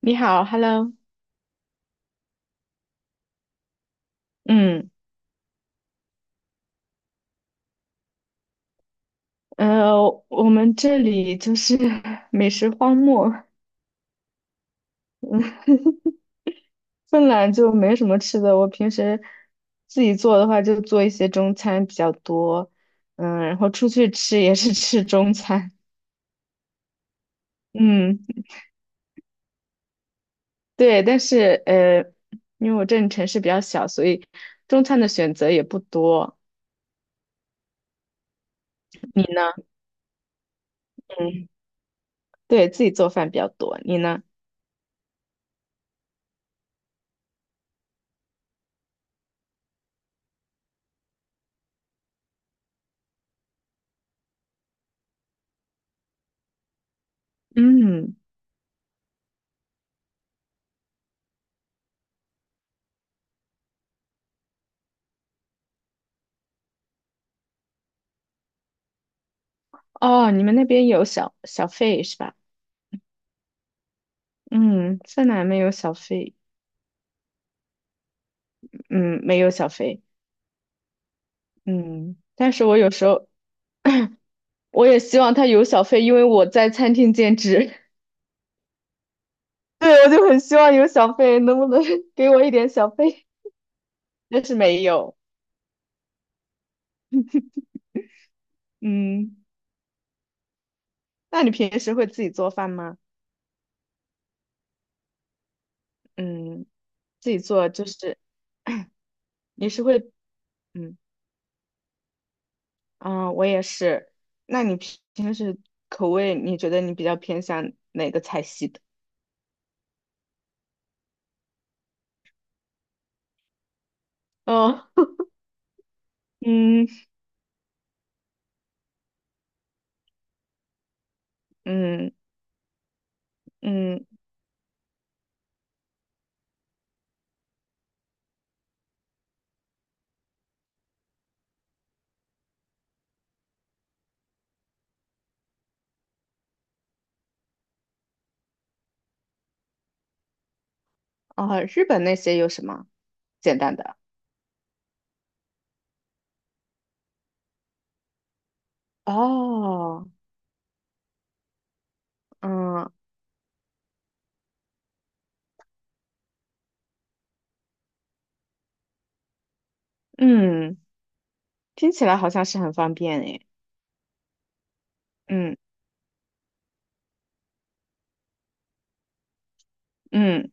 你好，Hello，嗯，我们这里就是 美食荒漠，芬兰就没什么吃的。我平时自己做的话，就做一些中餐比较多，嗯，然后出去吃也是吃中餐，嗯，对。但是因为我这里城市比较小，所以中餐的选择也不多。你呢？嗯，对，自己做饭比较多。你呢？嗯，哦，你们那边有小费是吧？嗯，芬兰没有小费，嗯，没有小费，嗯，但是我有时候我也希望他有小费，因为我在餐厅兼职，对，我就很希望有小费，能不能 给我一点小费？但是没有，嗯，那你平时会自己做饭吗？嗯，自己做就是你是会，嗯，啊，我也是，那你平时口味你觉得你比较偏向哪个菜系的？哦，嗯嗯嗯，啊，日本那些有什么？简单的。哦，嗯嗯，听起来好像是很方便诶。嗯嗯，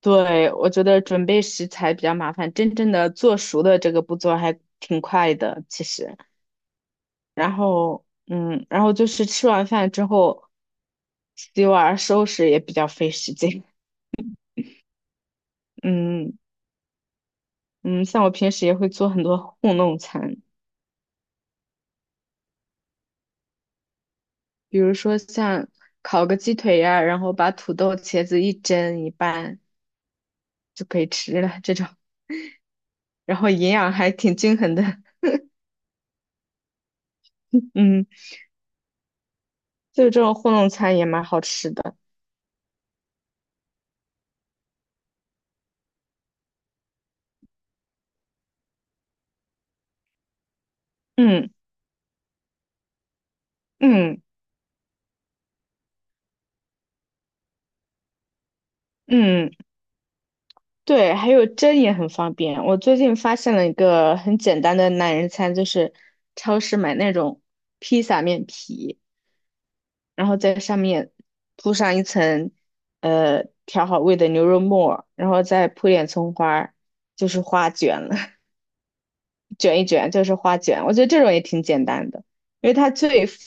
对，我觉得准备食材比较麻烦，真正的做熟的这个步骤还挺快的，其实。然后，嗯，然后就是吃完饭之后洗碗收拾也比较费时间。嗯嗯，像我平时也会做很多糊弄餐，比如说像烤个鸡腿呀、然后把土豆、茄子一蒸一拌就可以吃了这种。然后营养还挺均衡的，嗯，就这种糊弄餐也蛮好吃的，嗯嗯嗯，对，还有蒸也很方便。我最近发现了一个很简单的懒人餐，就是超市买那种披萨面皮，然后在上面铺上一层调好味的牛肉末儿然后再铺点葱花儿就是花卷了。卷一卷，就是花卷。我觉得这种也挺简单的，因为它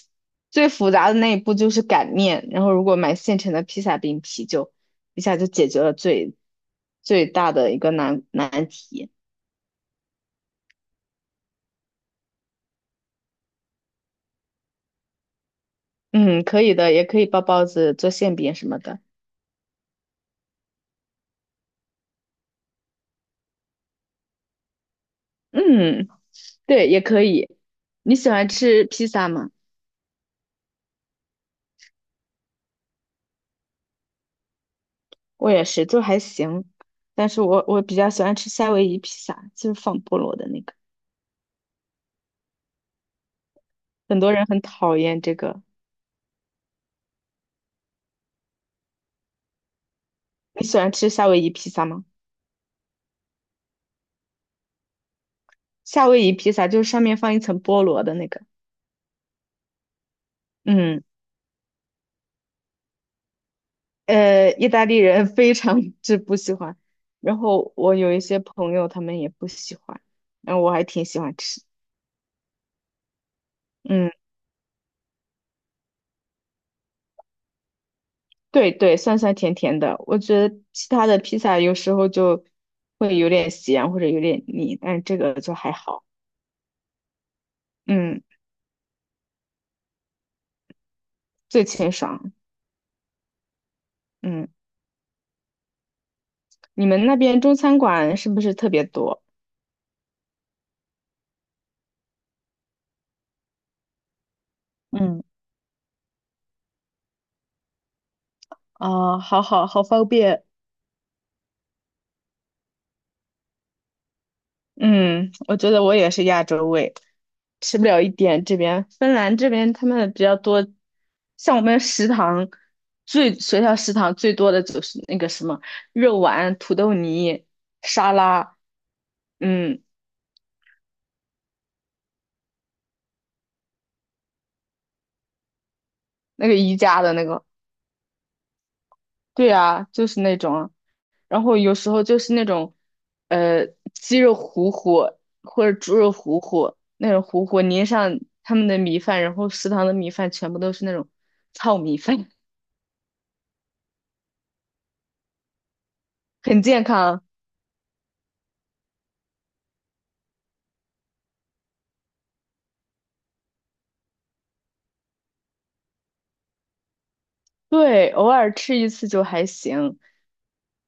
最复杂的那一步就是擀面，然后如果买现成的披萨饼皮就一下就解决了最大的一个难题。嗯，可以的，也可以包包子、做馅饼什么的。嗯，对，也可以。你喜欢吃披萨吗？我也是，就还行，但是我比较喜欢吃夏威夷披萨，就是放菠萝的那个。很多人很讨厌这个。你喜欢吃夏威夷披萨吗？夏威夷披萨就是上面放一层菠萝的那个，嗯，意大利人 非常之不喜欢，然后我有一些朋友他们也不喜欢，然后我还挺喜欢吃，嗯，对对，酸酸甜甜的，我觉得其他的披萨有时候就会有点咸或者有点腻，但是这个就还好，嗯，最清爽，嗯，你们那边中餐馆是不是特别多？嗯啊，好好好方便，嗯，我觉得我也是亚洲胃，吃不了一点这边芬兰这边他们比较多，像我们食堂学校食堂最多的就是那个什么肉丸、土豆泥、沙拉，嗯，那个宜家的那个，对啊，就是那种啊然后有时候就是那种呃鸡肉糊糊或者猪肉糊糊那种糊糊淋上他们的米饭，然后食堂的米饭全部都是那种糙米饭，很健康。对，偶尔吃一次就还行。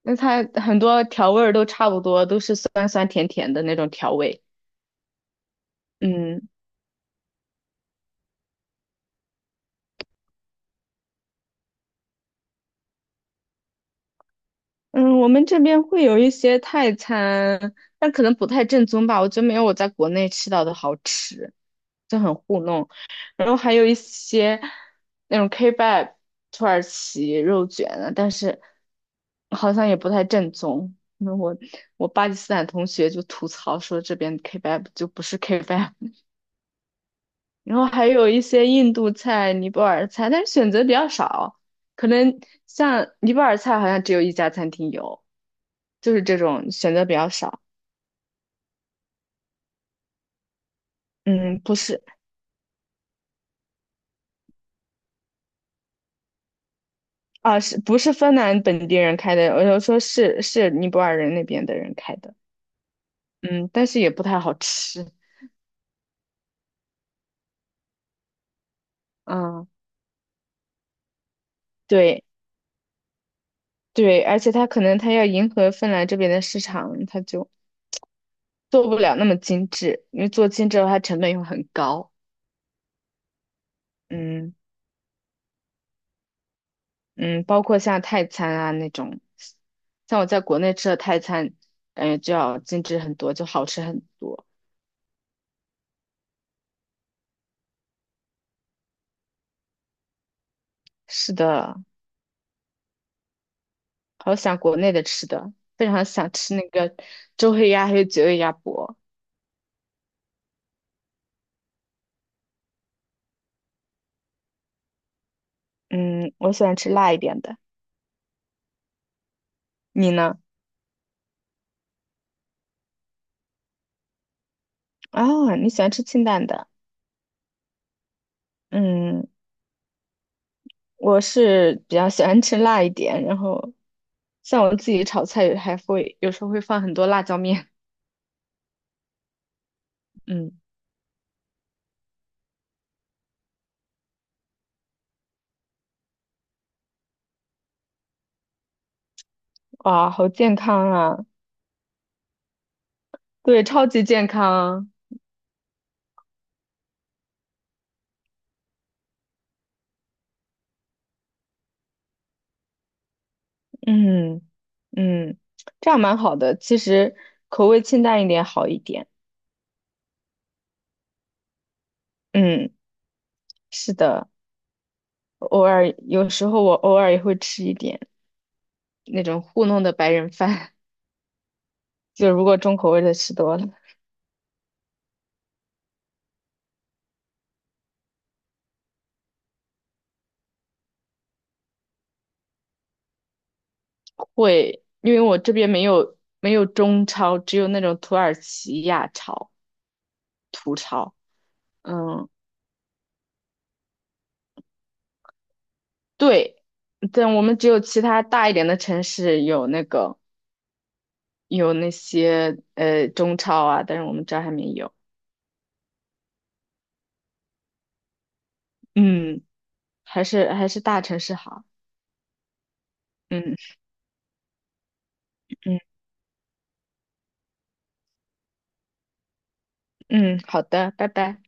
那它很多调味儿都差不多，都是酸酸甜甜的那种调味。嗯嗯，我们这边会有一些泰餐，但可能不太正宗吧。我觉得没有我在国内吃到的好吃，就很糊弄。然后还有一些那种 kebab 土耳其肉卷啊，但是好像也不太正宗。那我巴基斯坦同学就吐槽说，这边 kebab 就不是 kebab。然后还有一些印度菜、尼泊尔菜，但是选择比较少。可能像尼泊尔菜好像只有一家餐厅有，就是这种选择比较少。嗯，不是啊，是不是芬兰本地人开的？我就说是尼泊尔人那边的人开的。嗯，但是也不太好吃。嗯，对对，而且他可能他要迎合芬兰这边的市场，他就做不了那么精致，因为做精致的话成本又很高。嗯。嗯，包括像泰餐啊那种，像我在国内吃的泰餐，感觉就要精致很多，就好吃很多。是的，好想国内的吃的，非常想吃那个周黑鸭还有绝味鸭脖。嗯，我喜欢吃辣一点的，你呢？啊，你喜欢吃清淡的？嗯，我是比较喜欢吃辣一点，然后像我自己炒菜还会有时候会放很多辣椒面。嗯，哇，好健康啊！对，超级健康。嗯嗯，这样蛮好的。其实口味清淡一点好一点。嗯，是的，偶尔有时候我偶尔也会吃一点那种糊弄的白人饭，就如果重口味的吃多了，会，因为我这边没有中超，只有那种土耳其亚超、土超。嗯，对，但我们只有其他大一点的城市有那个有那些中超啊，但是我们这儿还没有。嗯。还是大城市好。嗯嗯嗯，好的，拜拜。